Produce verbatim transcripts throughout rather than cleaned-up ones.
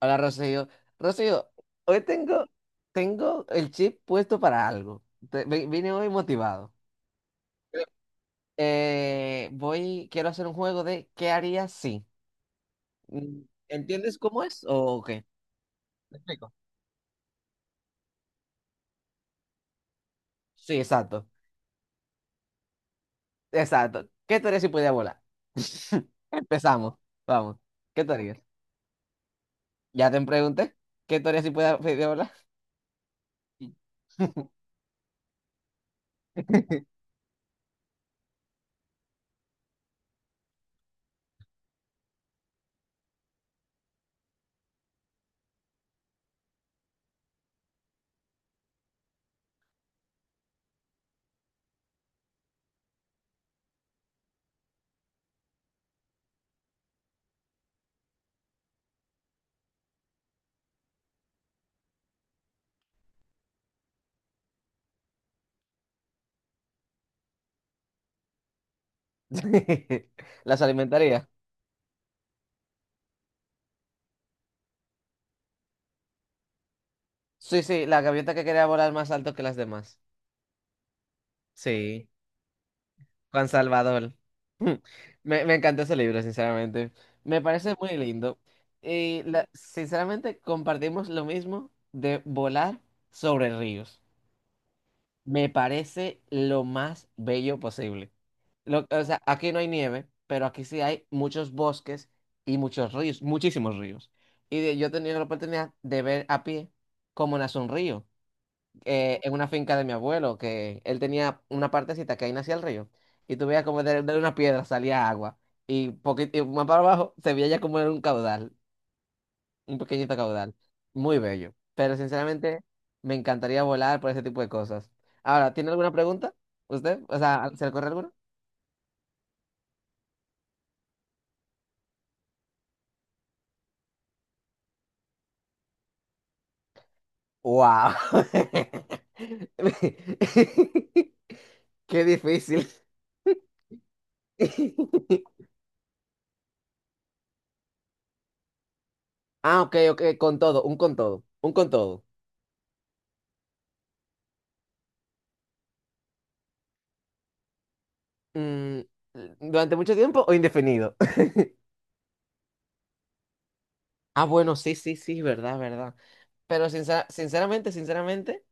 Hola, Rocío. Rocío, hoy tengo, tengo el chip puesto para algo. Te- vi- vine hoy motivado. Eh, voy, quiero hacer un juego de ¿qué harías si? Mm, ¿Entiendes cómo es o qué? ¿Me explico? Sí, exacto. Exacto. ¿Qué te harías si pudiera volar? Empezamos. Vamos. ¿Qué te harías? Ya te pregunté. ¿Qué te harías si pudiera pudiera volar? Sí. ¿Las alimentaría? Sí, sí, la gaviota que quería volar más alto que las demás. Sí, Juan Salvador. Mm. Me, me encantó ese libro, sinceramente. Me parece muy lindo. Y la- sinceramente compartimos lo mismo de volar sobre ríos. Me parece lo más bello posible. Lo- o sea, aquí no hay nieve, pero aquí sí hay muchos bosques y muchos ríos, muchísimos ríos. Y de- yo he tenido la oportunidad de ver a pie cómo nace un río eh, en una finca de mi abuelo, que él tenía una partecita que ahí nacía el río, y tú veías como de, de una piedra salía agua, y, poquito, y más para abajo se veía ya como era un caudal, un pequeñito caudal, muy bello, pero sinceramente me encantaría volar por ese tipo de cosas. Ahora, ¿tiene alguna pregunta? ¿Usted? O sea, ¿se le ocurre alguna? ¡Wow! ¡Qué difícil! Ah, ok, ok, con todo, un con todo, un con todo. Mm, ¿durante mucho tiempo o indefinido? Ah, bueno, sí, sí, sí, verdad, verdad. Pero sincera- sinceramente, sinceramente,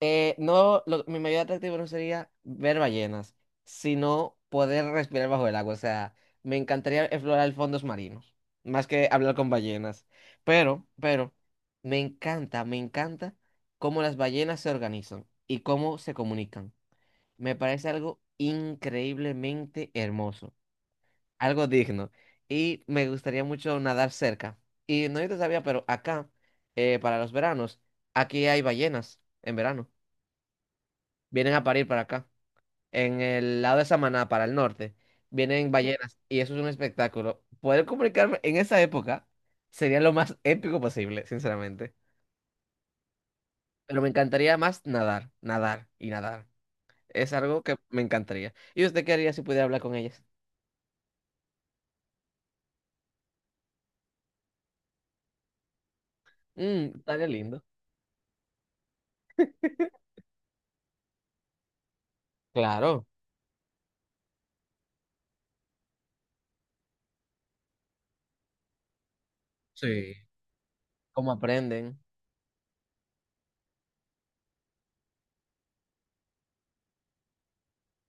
eh, no, lo- mi mayor atractivo no sería ver ballenas, sino poder respirar bajo el agua. O sea, me encantaría explorar fondos marinos, más que hablar con ballenas. Pero, pero, me encanta, me encanta cómo las ballenas se organizan y cómo se comunican. Me parece algo increíblemente hermoso. Algo digno. Y me gustaría mucho nadar cerca. Y no yo te sabía, pero acá, eh, para los veranos, aquí hay ballenas en verano. Vienen a parir para acá. En el lado de Samaná, para el norte, vienen ballenas. Y eso es un espectáculo. Poder comunicarme en esa época sería lo más épico posible, sinceramente. Pero me encantaría más nadar, nadar y nadar. Es algo que me encantaría. ¿Y usted qué haría si pudiera hablar con ellas? Mm, estaría lindo. Claro. Sí. ¿Cómo aprenden?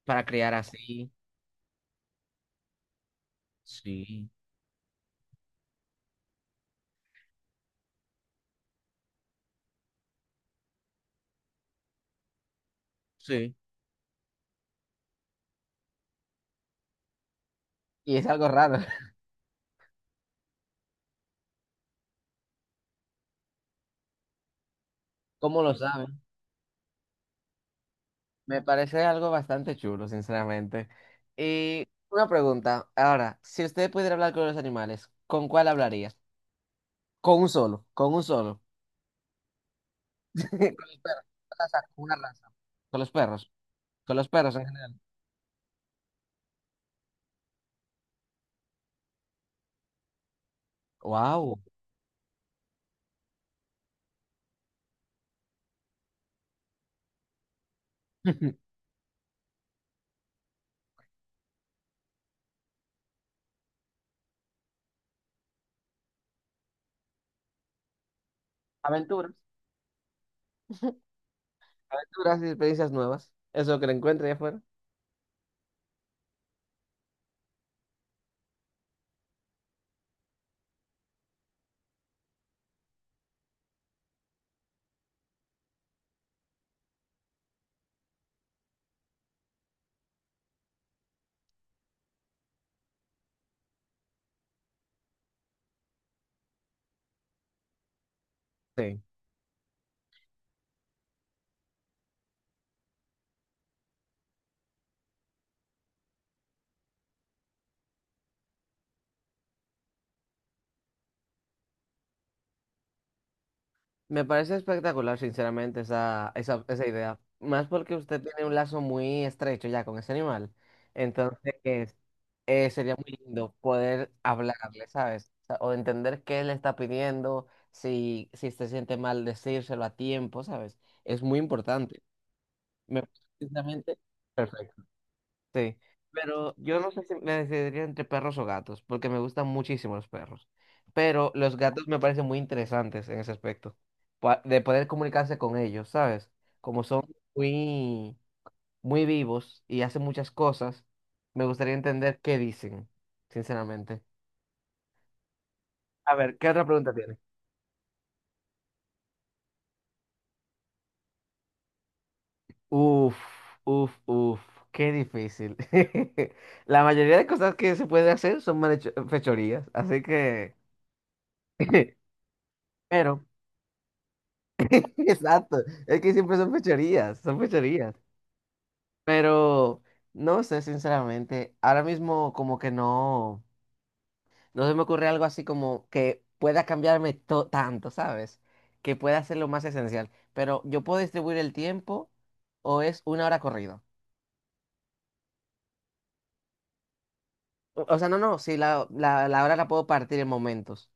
Para crear así. Sí, sí. Y es algo raro. ¿Cómo lo saben? Me parece algo bastante chulo, sinceramente. Y una pregunta. Ahora, si usted pudiera hablar con los animales, ¿con cuál hablaría? Con un solo, con un solo. Con los perros, con la raza, con una raza. Con los perros, con los perros en general. Wow. Aventuras, aventuras y experiencias nuevas. Eso que le encuentre allá afuera. Sí. Me parece espectacular, sinceramente, esa, esa, esa idea. Más porque usted tiene un lazo muy estrecho ya con ese animal. Entonces, eh, sería muy lindo poder hablarle, ¿sabes? O sea, o entender qué le está pidiendo, si, si se siente mal decírselo a tiempo, ¿sabes? Es muy importante. Me parece, sinceramente, perfecto. Sí, pero yo no sé si me decidiría entre perros o gatos, porque me gustan muchísimo los perros. Pero los gatos me parecen muy interesantes en ese aspecto, pa- de poder comunicarse con ellos, ¿sabes? Como son muy, muy vivos y hacen muchas cosas, me gustaría entender qué dicen, sinceramente. A ver, ¿qué otra pregunta tiene? Uf, uf, uf, qué difícil. La mayoría de cosas que se pueden hacer son manecho- fechorías, así que... Pero... Exacto, es que siempre son fechorías, son fechorías. Pero no sé, sinceramente, ahora mismo como que no, no se me ocurre algo así como que pueda cambiarme to- tanto, ¿sabes? Que pueda ser lo más esencial. Pero yo puedo distribuir el tiempo o es una hora corrida. O o sea, no, no, sí, la, la, la hora la puedo partir en momentos.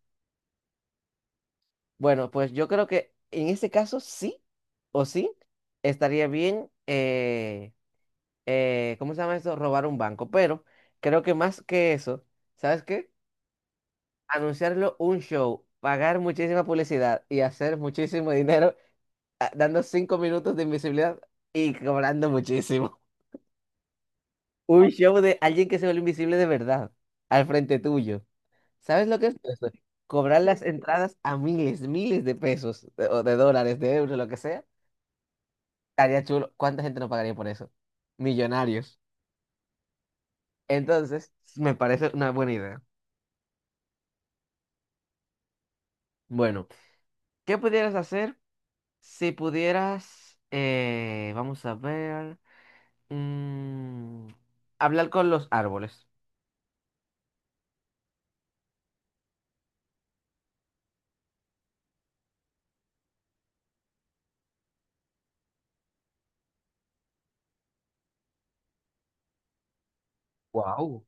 Bueno, pues yo creo que en ese caso sí o sí estaría bien eh, eh, ¿cómo se llama eso? Robar un banco. Pero creo que más que eso, ¿sabes qué? Anunciarlo un show, pagar muchísima publicidad y hacer muchísimo dinero ah, dando cinco minutos de invisibilidad y cobrando muchísimo. Un show de alguien que se vuelve invisible de verdad al frente tuyo. ¿Sabes lo que es eso? Cobrar las entradas a miles, miles de pesos de- o de dólares, de euros, lo que sea. Estaría chulo. ¿Cuánta gente no pagaría por eso? Millonarios. Entonces, me parece una buena idea. Bueno. ¿Qué pudieras hacer si pudieras, eh, vamos a ver, mm, hablar con los árboles? Wow.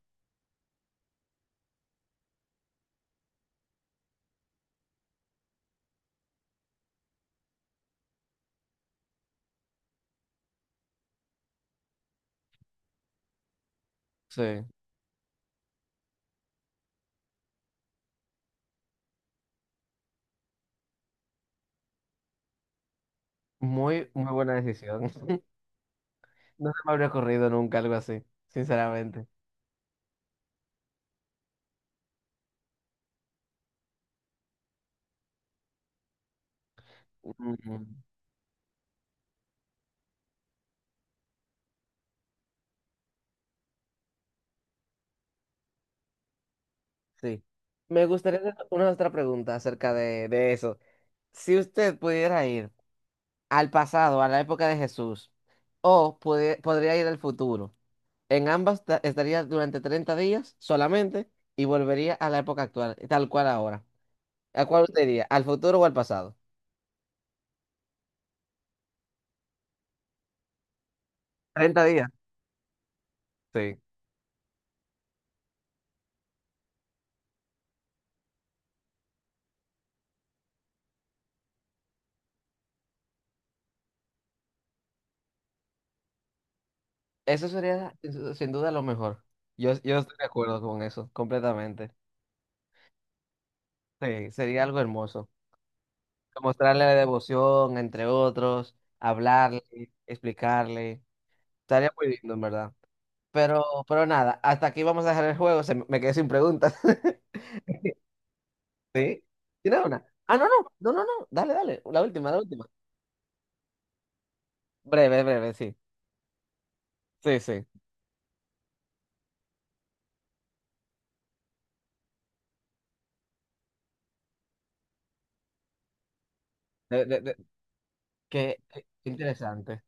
Sí, muy, muy buena decisión. No se me habría ocurrido nunca algo así, sinceramente. Mm, sí. Me gustaría hacer una otra pregunta acerca de, de eso. Si usted pudiera ir al pasado, a la época de Jesús, o pudie- podría ir al futuro. En ambas ta- estaría durante treinta días solamente y volvería a la época actual, tal cual ahora. ¿A cuál usted iría? ¿Al futuro o al pasado? Treinta días. Sí. Eso sería eso- sin duda lo mejor. Yo, yo estoy de acuerdo con eso, completamente. Sí, sería algo hermoso. Mostrarle la devoción, entre otros, hablarle, explicarle. Estaría muy lindo, en verdad. Pero, pero nada, hasta aquí vamos a dejar el juego. Se me me quedé sin preguntas. Sí. ¿Tienes una? Ah, no, no, no, no, no. Dale, dale. La última, la última. Breve, breve, sí. Sí, sí. De- de- de- Qué, qué interesante.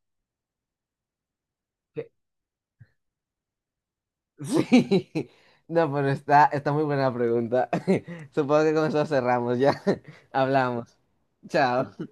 Qué- Sí. No, pero está, está muy buena la pregunta. Supongo que con eso cerramos ya. Hablamos. Chao.